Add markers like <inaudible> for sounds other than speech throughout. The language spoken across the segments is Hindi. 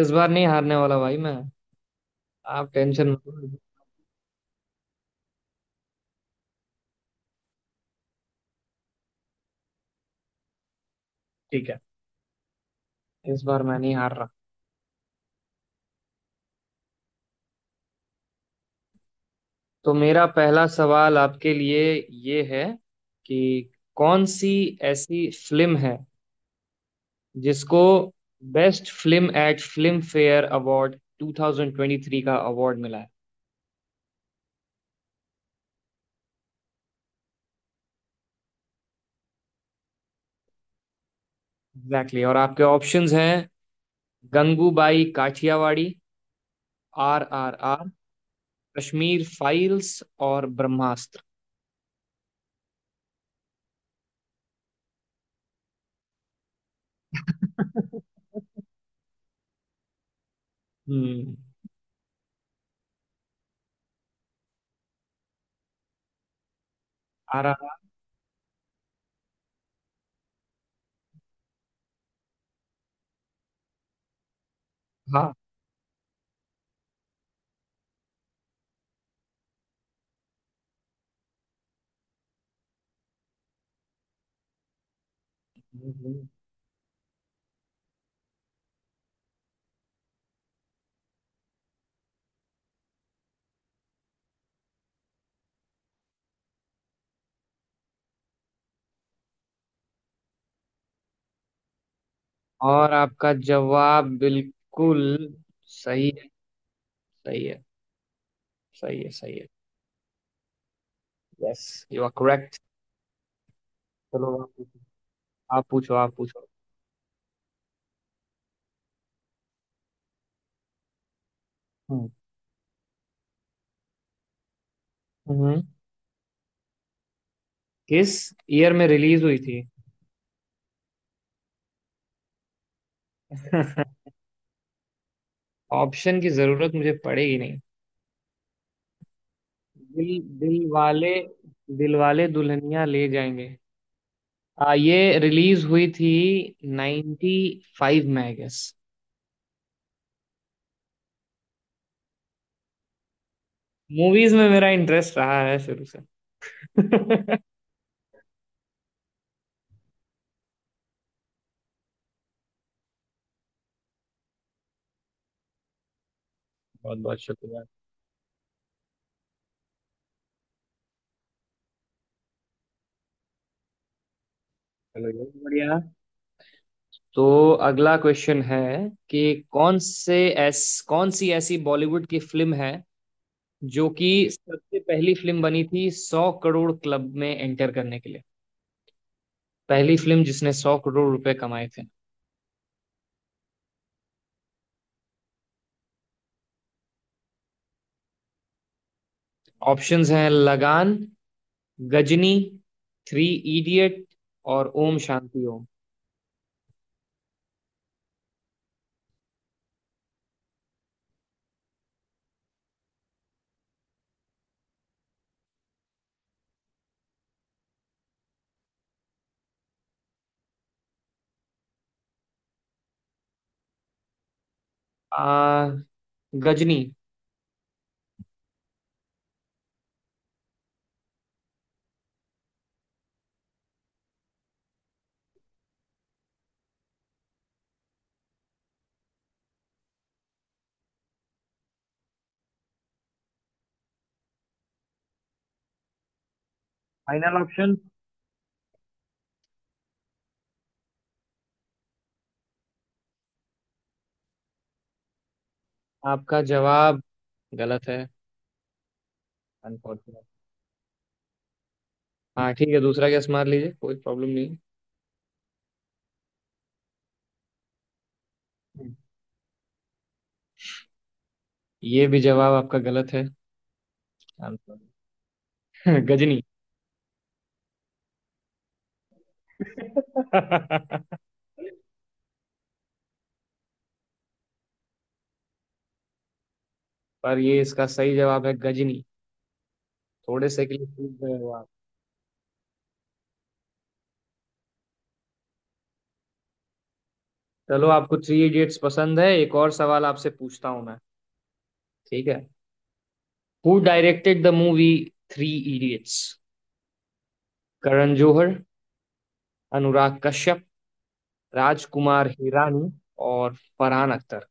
इस बार नहीं हारने वाला भाई मैं। आप टेंशन मत लो। ठीक है। इस बार मैं नहीं हार रहा। तो मेरा पहला सवाल आपके लिए ये है कि कौन सी ऐसी फिल्म है जिसको best film at Filmfare award 2023 का अवार्ड मिला है। Exactly exactly। और आपके ऑप्शंस हैं: Gangubai Kathiawadi, R R R, Kashmir files और ब्रह्मास्त्र। <laughs> हम्म। R R. हाँ। और आपका जवाब बिल्कुल सही है। सही है। सही है सही है। यस। You are correct. चलो, आप पूछो आप पूछो आप पूछो। हम्म। हम्म। किस ईयर में रिलीज हुई थी? <laughs> ऑप्शन की जरूरत मुझे पड़ेगी नहीं। दिल दिल वाले दुल्हनिया ले जाएंगे। ये रिलीज हुई थी 95 फाइव में, आई गेस। मूवीज में मेरा इंटरेस्ट रहा है शुरू से, <laughs> बहुत। बहुत शुक्रिया। चलो, ये भी बढ़िया। तो अगला क्वेश्चन है कि कौन से ऐस कौन सी ऐसी बॉलीवुड की फिल्म है जो कि सबसे पहली फिल्म बनी थी 100 करोड़ क्लब में एंटर करने के लिए, पहली फिल्म जिसने 100 करोड़ रुपए कमाए थे। ऑप्शंस हैं: लगान, गजनी, थ्री इडियट और ओम शांति ओम। आ, गजनी। Final option. आपका जवाब गलत है। अनफॉर्चुनेट। हाँ ठीक है, दूसरा गैस मार लीजिए, कोई प्रॉब्लम नहीं है। ये भी जवाब आपका गलत है। I'm sorry। <laughs> गजनी। <laughs> पर ये इसका सही जवाब है, गजनी। थोड़े से के लिए चूक गए हो आप। चलो, आपको थ्री इडियट्स पसंद है, एक और सवाल आपसे पूछता हूं मैं। ठीक है। Who directed the movie three idiots? Karan Johar, Anurag Kashyap, Rajkumar Hirani और फरहान अख्तर।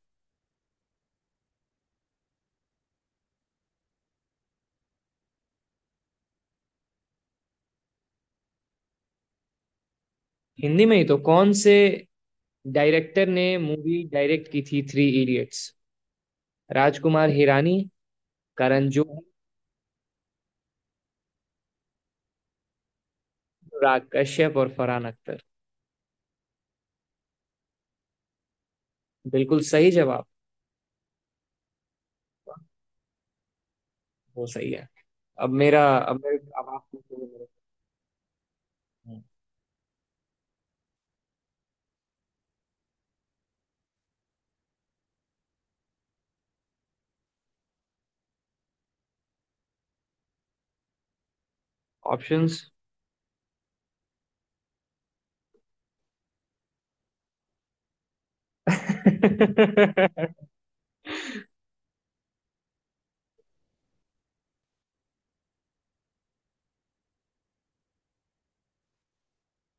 हिंदी में ही तो। कौन से डायरेक्टर ने मूवी डायरेक्ट की थी थ्री इडियट्स? राजकुमार हिरानी, करण जौहर, अनुराग कश्यप और फरहान अख्तर। बिल्कुल सही जवाब। वो सही है। अब आप पूछोगे मेरे ऑप्शंस। हम्म।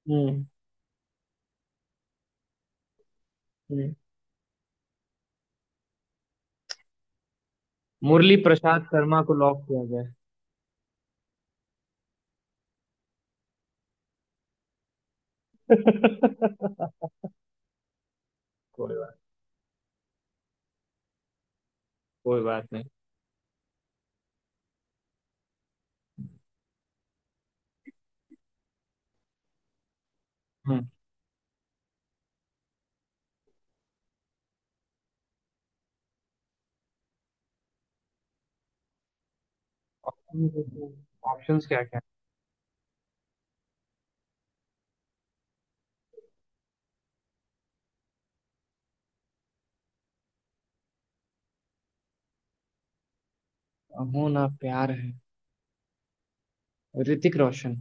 <laughs> हम्म। मुरली प्रसाद शर्मा को लॉक किया जाए। <laughs> कोई बात कोई बात नहीं। हम्म। ऑप्शंस ऑप्शंस क्या क्या? है? हो ना प्यार है। ऋतिक रोशन।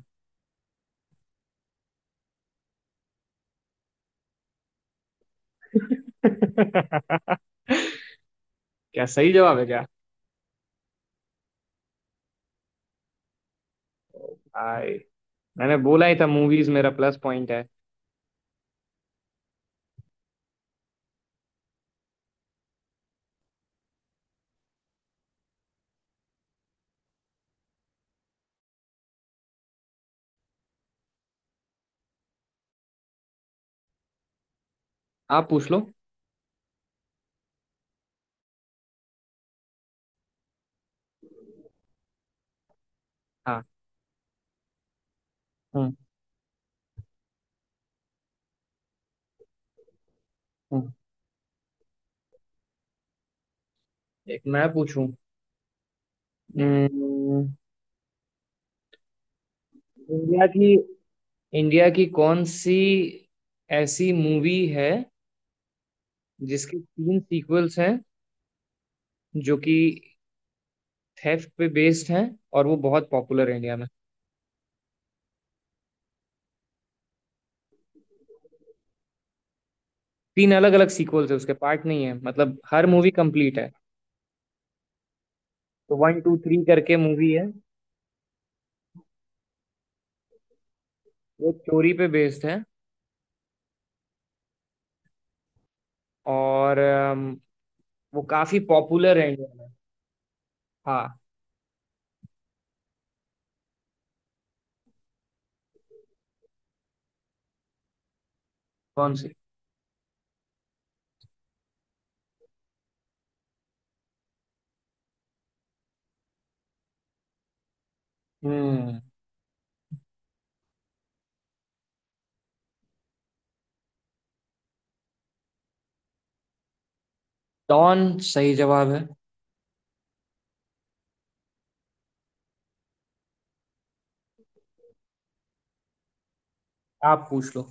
<laughs> क्या सही जवाब है क्या? ओ भाई! मैंने बोला ही था, मूवीज मेरा प्लस पॉइंट है। आप पूछ लो। हाँ। हम्म। एक मैं पूछूं। हम्म, इंडिया की इंडिया की कौन सी ऐसी मूवी है जिसके तीन सीक्वल्स हैं, जो कि थेफ्ट पे बेस्ड हैं, और वो बहुत पॉपुलर है इंडिया में। तीन अलग अलग सीक्वल्स है, उसके पार्ट नहीं है, मतलब हर मूवी कंप्लीट है। तो वन टू थ्री करके मूवी है। वो चोरी पे बेस्ड है। और वो काफी पॉपुलर है इंडिया में। हाँ। कौन सी? हम्म। डॉन सही जवाब है। आप पूछ लो।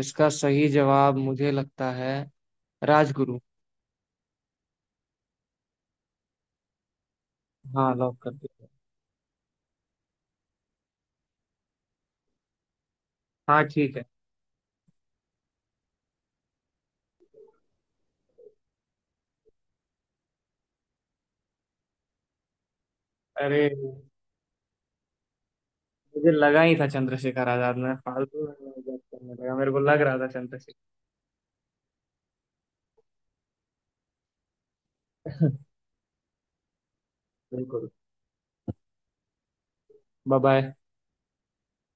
इसका सही जवाब मुझे लगता है राजगुरु। हाँ, लॉक कर दीजिए। हाँ ठीक है। अरे, मुझे लगा ही था चंद्रशेखर आजाद, मैं फालतू में मजाक करने लगा, मेरे को लग रहा था चंद्रशेखर। <laughs> बिल्कुल। Bye bye.